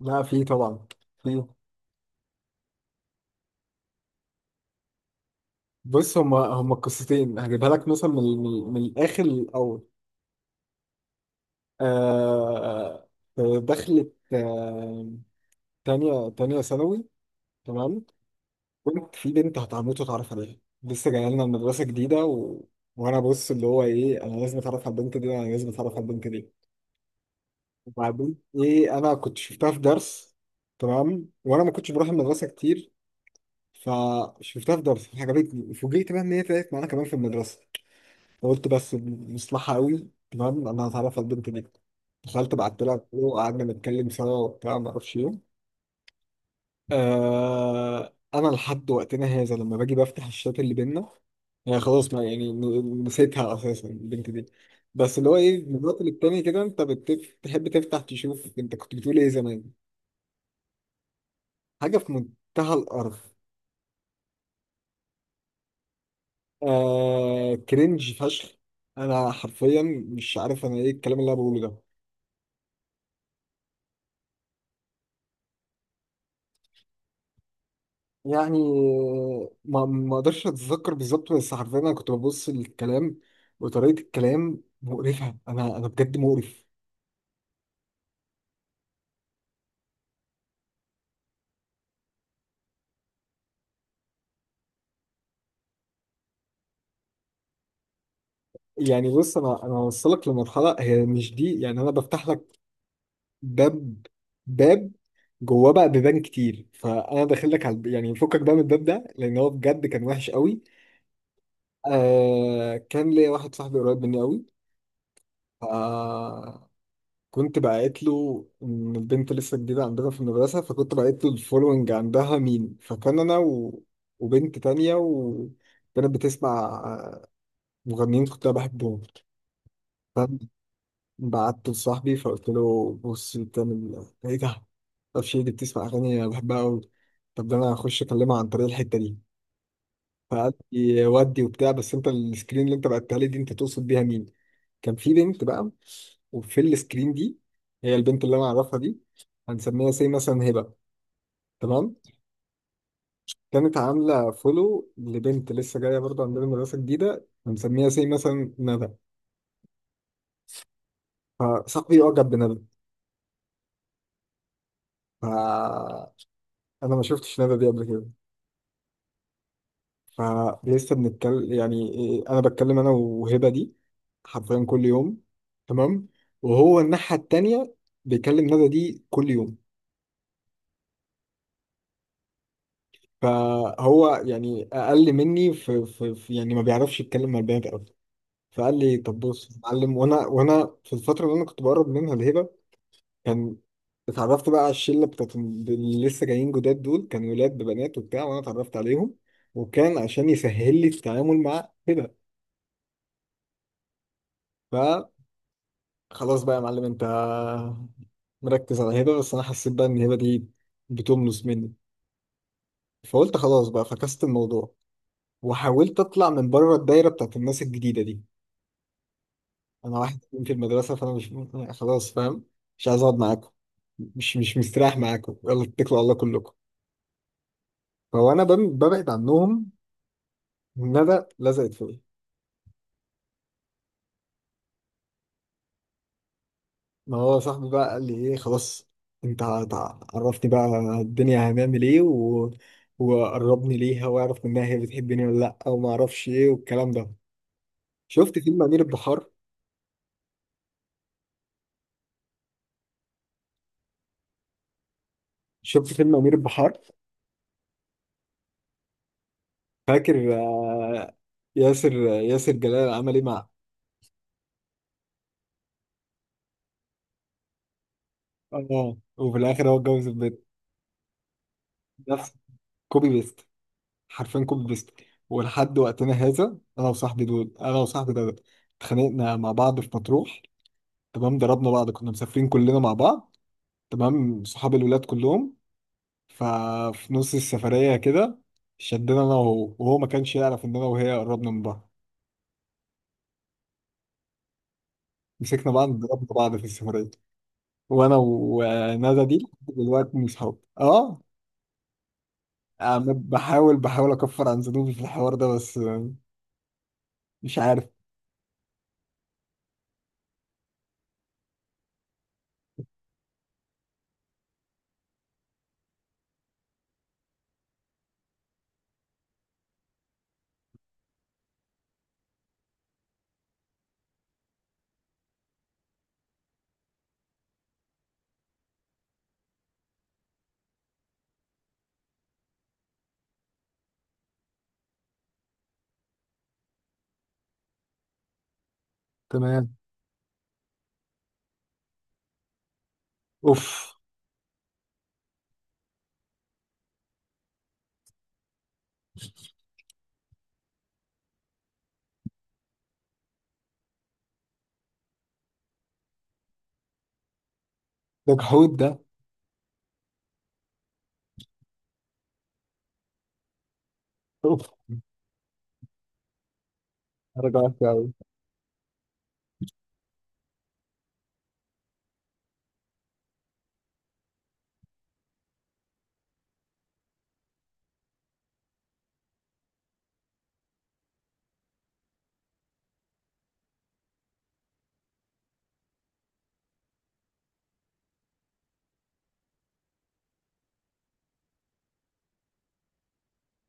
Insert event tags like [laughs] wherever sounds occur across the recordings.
لا، في طبعا. في، بص، هما قصتين هجيبها لك مثلا من الاخر للاول. آه، آه، دخلت تانية ثانوي. تمام. كنت في بنت هتعمته اتعرف عليها، لسه جايه لنا المدرسه جديده، و... وانا بص اللي هو ايه، انا لازم اتعرف على البنت دي، انا لازم اتعرف على البنت دي. وبعدين ايه، انا كنت شفتها في درس. تمام، وانا ما كنتش بروح المدرسه كتير، فشفتها في درس عجبتني. فوجئت بقى ان هي طلعت معانا كمان في المدرسه. قلت بس مصلحة قوي. تمام، انا هتعرف على البنت دي. دخلت بعت لها وقعدنا نتكلم سوا وبتاع ما اعرفش ايه. آه، انا لحد وقتنا هذا لما باجي بفتح الشات اللي بينا، يعني خلاص ما يعني نسيتها اساسا البنت دي، بس اللي هو ايه من الوقت للتاني كده انت بتحب تفتح تشوف انت كنت بتقول ايه زمان. حاجه في منتهى الارض. آه، كرنج فشخ. انا حرفيا مش عارف انا ايه الكلام اللي انا بقوله ده. يعني ما اقدرش اتذكر بالظبط، بس حرفيا انا كنت ببص للكلام وطريقه الكلام مقرفه، انا بجد مقرف. يعني بص، انا هوصلك لمرحله هي مش دي، يعني انا بفتح لك باب. باب جواه بقى بيبان كتير، فانا داخل لك على يعني فكك بقى من الباب ده، لان هو بجد كان وحش قوي. آه، كان ليا واحد صاحبي قريب مني قوي. كنت بعت له ان البنت لسه جديده عندنا في المدرسه، فكنت بعت له الفولوينج عندها مين. فكان انا و... وبنت تانية، وكانت بتسمع مغنيين كنت انا بحبهم. فبعت لصاحبي فقلت له بص بتعمل ايه؟ إيه ده؟ معرفش ايه دي بتسمع اغاني انا بحبها قوي. طب ده انا هخش اكلمها عن طريق الحته دي. فقال لي ودي وبتاع، بس انت السكرين اللي انت بعتها لي دي انت تقصد بيها مين؟ كان في بنت بقى، وفي السكرين دي هي البنت اللي انا اعرفها دي، هنسميها سي مثلا هبه. تمام. كانت عامله فولو لبنت لسه جايه برضه عندنا مدرسه جديده، هنسميها سي مثلا ندى. فصاحبي اعجب بندى. فانا ما شفتش ندى دي قبل كده. فلسه بنتكلم يعني إيه، انا بتكلم انا وهبه دي حرفيا كل يوم. تمام. وهو الناحيه التانيه بيكلم ندى دي كل يوم. فهو يعني اقل مني في، يعني ما بيعرفش يتكلم مع البنات قوي. فقال لي طب بص يا معلم. وانا في الفتره اللي انا كنت بقرب منها الهبه، كان اتعرفت بقى على الشله بتاعت اللي لسه جايين جداد دول، كان ولاد ببنات وبتاع، وانا اتعرفت عليهم. وكان عشان يسهل لي التعامل مع هبه. فخلاص بقى يا معلم، انت مركز على هبه بس. انا حسيت بقى ان هبه دي بتملص مني، فقلت خلاص بقى فكست الموضوع، وحاولت اطلع من بره الدايره بتاعت الناس الجديده دي. انا واحد اتنين في المدرسه، فانا مش، خلاص فاهم، مش عايز اقعد معاكم، مش مستريح معاكم، يلا اتكلوا على الله كلكم. فهو انا ببعد عنهم، ندى لزقت فيا. ما هو صاحبي بقى قال لي ايه خلاص، انت عرفني بقى الدنيا، هنعمل ايه، و... وقربني ليها واعرف منها هي بتحبني ولا لا، وما اعرفش ايه والكلام ده. شفت فيلم امير البحار؟ شفت فيلم امير البحار؟ فاكر آه، ياسر جلال عمل ايه مع، اه، وفي الاخر هو اتجوز البنت. كوبي بيست، حرفيا كوبي بيست. ولحد وقتنا هذا انا وصاحبي ده اتخانقنا مع بعض في مطروح. تمام، ضربنا بعض، كنا مسافرين كلنا مع بعض، تمام، صحاب الولاد كلهم. ففي نص السفرية كده شدنا انا وهو، وهو ما كانش يعرف ان انا وهي قربنا من بعض. مسكنا بعض، ضربنا بعض في السفرية. وانا وندى دي لحد دلوقتي مش صحاب. اه، بحاول اكفر عن ذنوبي في الحوار ده، بس آه، مش عارف. تمام. اوف. ده جحود ده. اوف. رجعت قوي.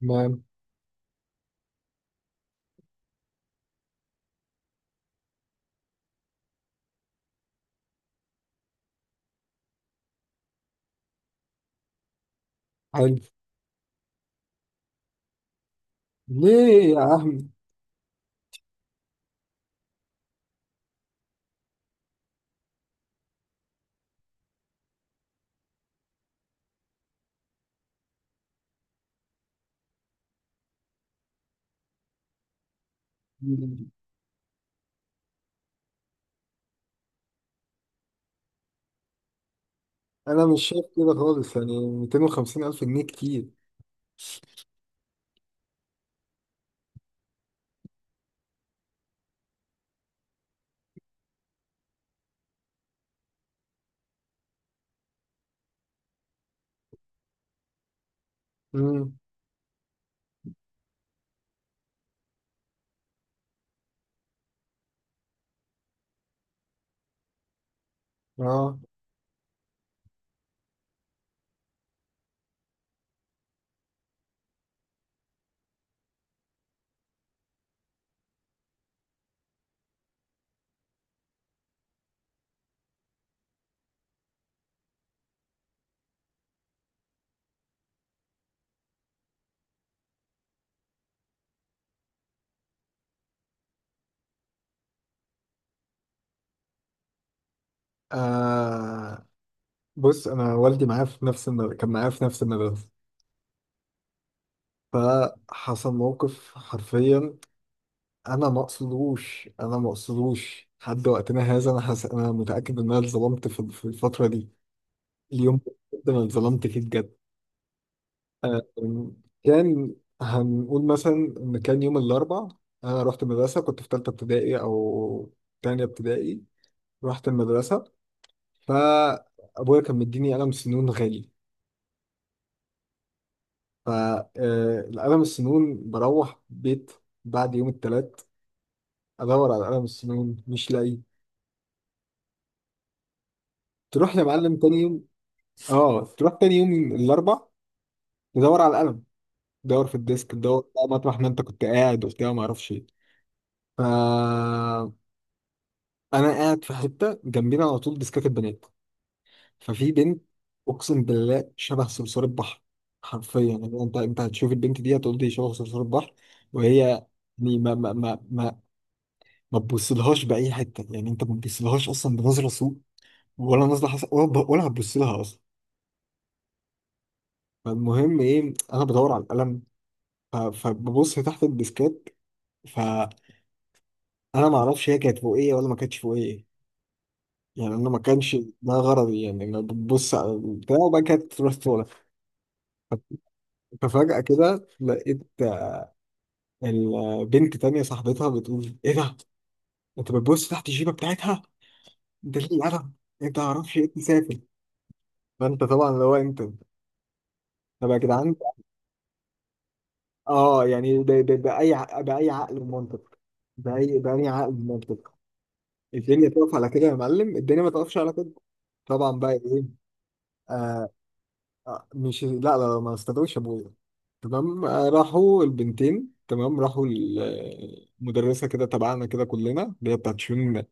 تمام. حلو. ليه يا عم؟ انا مش شايف كده خالص، يعني 250 الف جنيه كتير. امم اه، آه، بص انا والدي معايا في نفس المدرسة، كان معايا في نفس المدرسه. فحصل موقف حرفيا، انا ما اقصدوش لحد وقتنا هذا. انا متاكد ان انا اتظلمت في الفتره دي، اليوم ده، انا اتظلمت فيه بجد. كان، هنقول مثلا ان كان يوم الاربع، انا رحت المدرسه. كنت في ثالثه ابتدائي او تانية ابتدائي. رحت المدرسه، فابويا كان مديني قلم سنون غالي. فالقلم السنون بروح بيت، بعد يوم الثلاث ادور على قلم السنون مش لاقي. تروح يا معلم تاني يوم. اه، تروح تاني يوم الاربع، تدور على القلم، تدور في الديسك، تدور بقى مطرح ما انت كنت قاعد وبتاع ما اعرفش ايه. ف انا قاعد في حته جنبينا على طول ديسكاك البنات. ففي بنت، اقسم بالله شبه صرصور البحر، حرفيا يعني انت، انت هتشوف البنت دي هتقول دي شبه صرصور البحر. وهي يعني ما ما ما ما, ما تبصلهاش باي حته، يعني انت ما تبصلهاش اصلا بنظره سوء ولا نظره حسن ولا ولا هتبص لها اصلا. فالمهم ايه، انا بدور على القلم، فببص تحت الديسكات. فانا ما اعرفش هي كانت فوقيه ولا ما كانتش فوقيه، يعني انا ما كانش ده غرضي، يعني انا ببص على البتاع وبعد كده تروح تطلع. ففجأة كده لقيت البنت تانية صاحبتها بتقول ايه ده؟ انت بتبص تحت الجيبة بتاعتها؟ انت ليه الأدب؟ انت معرفش ايه تسافر. فانت طبعا اللي هو انت، طب يا جدعان. اه، يعني بأي عقل ومنطق، بأي عقل ومنطق، الدنيا تقف على كده يا معلم؟ الدنيا ما تقفش على كده. طبعا بقى ايه. آه، آه، مش، لا، لا لا، ما استدعوش ابويا. تمام، آه، راحوا البنتين. تمام، راحوا المدرسة كده تبعنا كده كلنا اللي هي بتاعت شؤون. آه،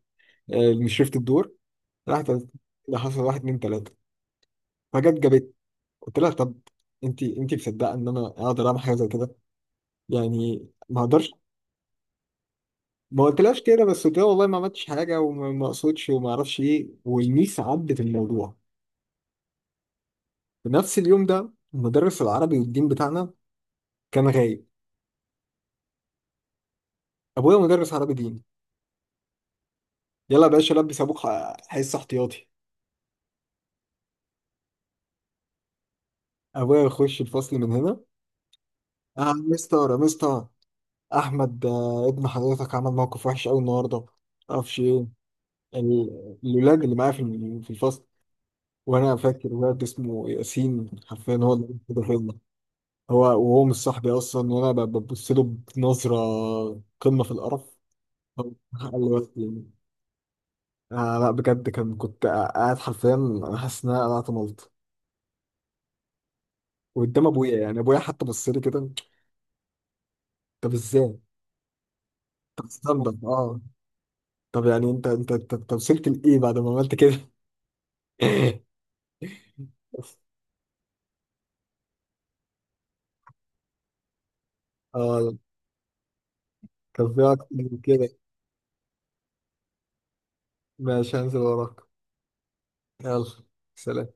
مش شفت الدور. راحت قالت اللي حصل، واحد اتنين تلاته. فجت جابت. قلت لها طب انت، انت مصدقه ان انا اقدر اعمل حاجه زي كده؟ يعني ما اقدرش. ما قلتلهاش كده، بس قلت لها والله ما عملتش حاجه وما ما اقصدش وما اعرفش ايه. والميس عدت الموضوع. في نفس اليوم ده المدرس العربي والدين بتاعنا كان غايب. ابويا مدرس عربي دين. يلا يا باشا لبس ابوك حصه احتياطي. ابويا يخش الفصل من هنا. اه، مستر، مستر احمد، آه، ابن حضرتك عمل موقف وحش قوي النهارده، معرفش ايه. الولاد اللي معايا في الفصل، وانا فاكر ولد اسمه ياسين حرفيا هو اللي كده فينا. هو، وهو مش صاحبي اصلا وانا ببص له بنظره قمه في القرف. هو حق الوقت يعني. آه، لا بجد كان، كنت قاعد حرفيا انا حاسس ان انا قلعت ملط، وقدام ابويا، يعني ابويا حتى بص لي كده. طب ازاي؟ طب استنبط اه. طب يعني انت انت انت أنت وصلت لايه بعد ما عملت كده؟ [laughs] اه، كان في اكتر من كده. ماشي هنزل وراك. يلا، سلام.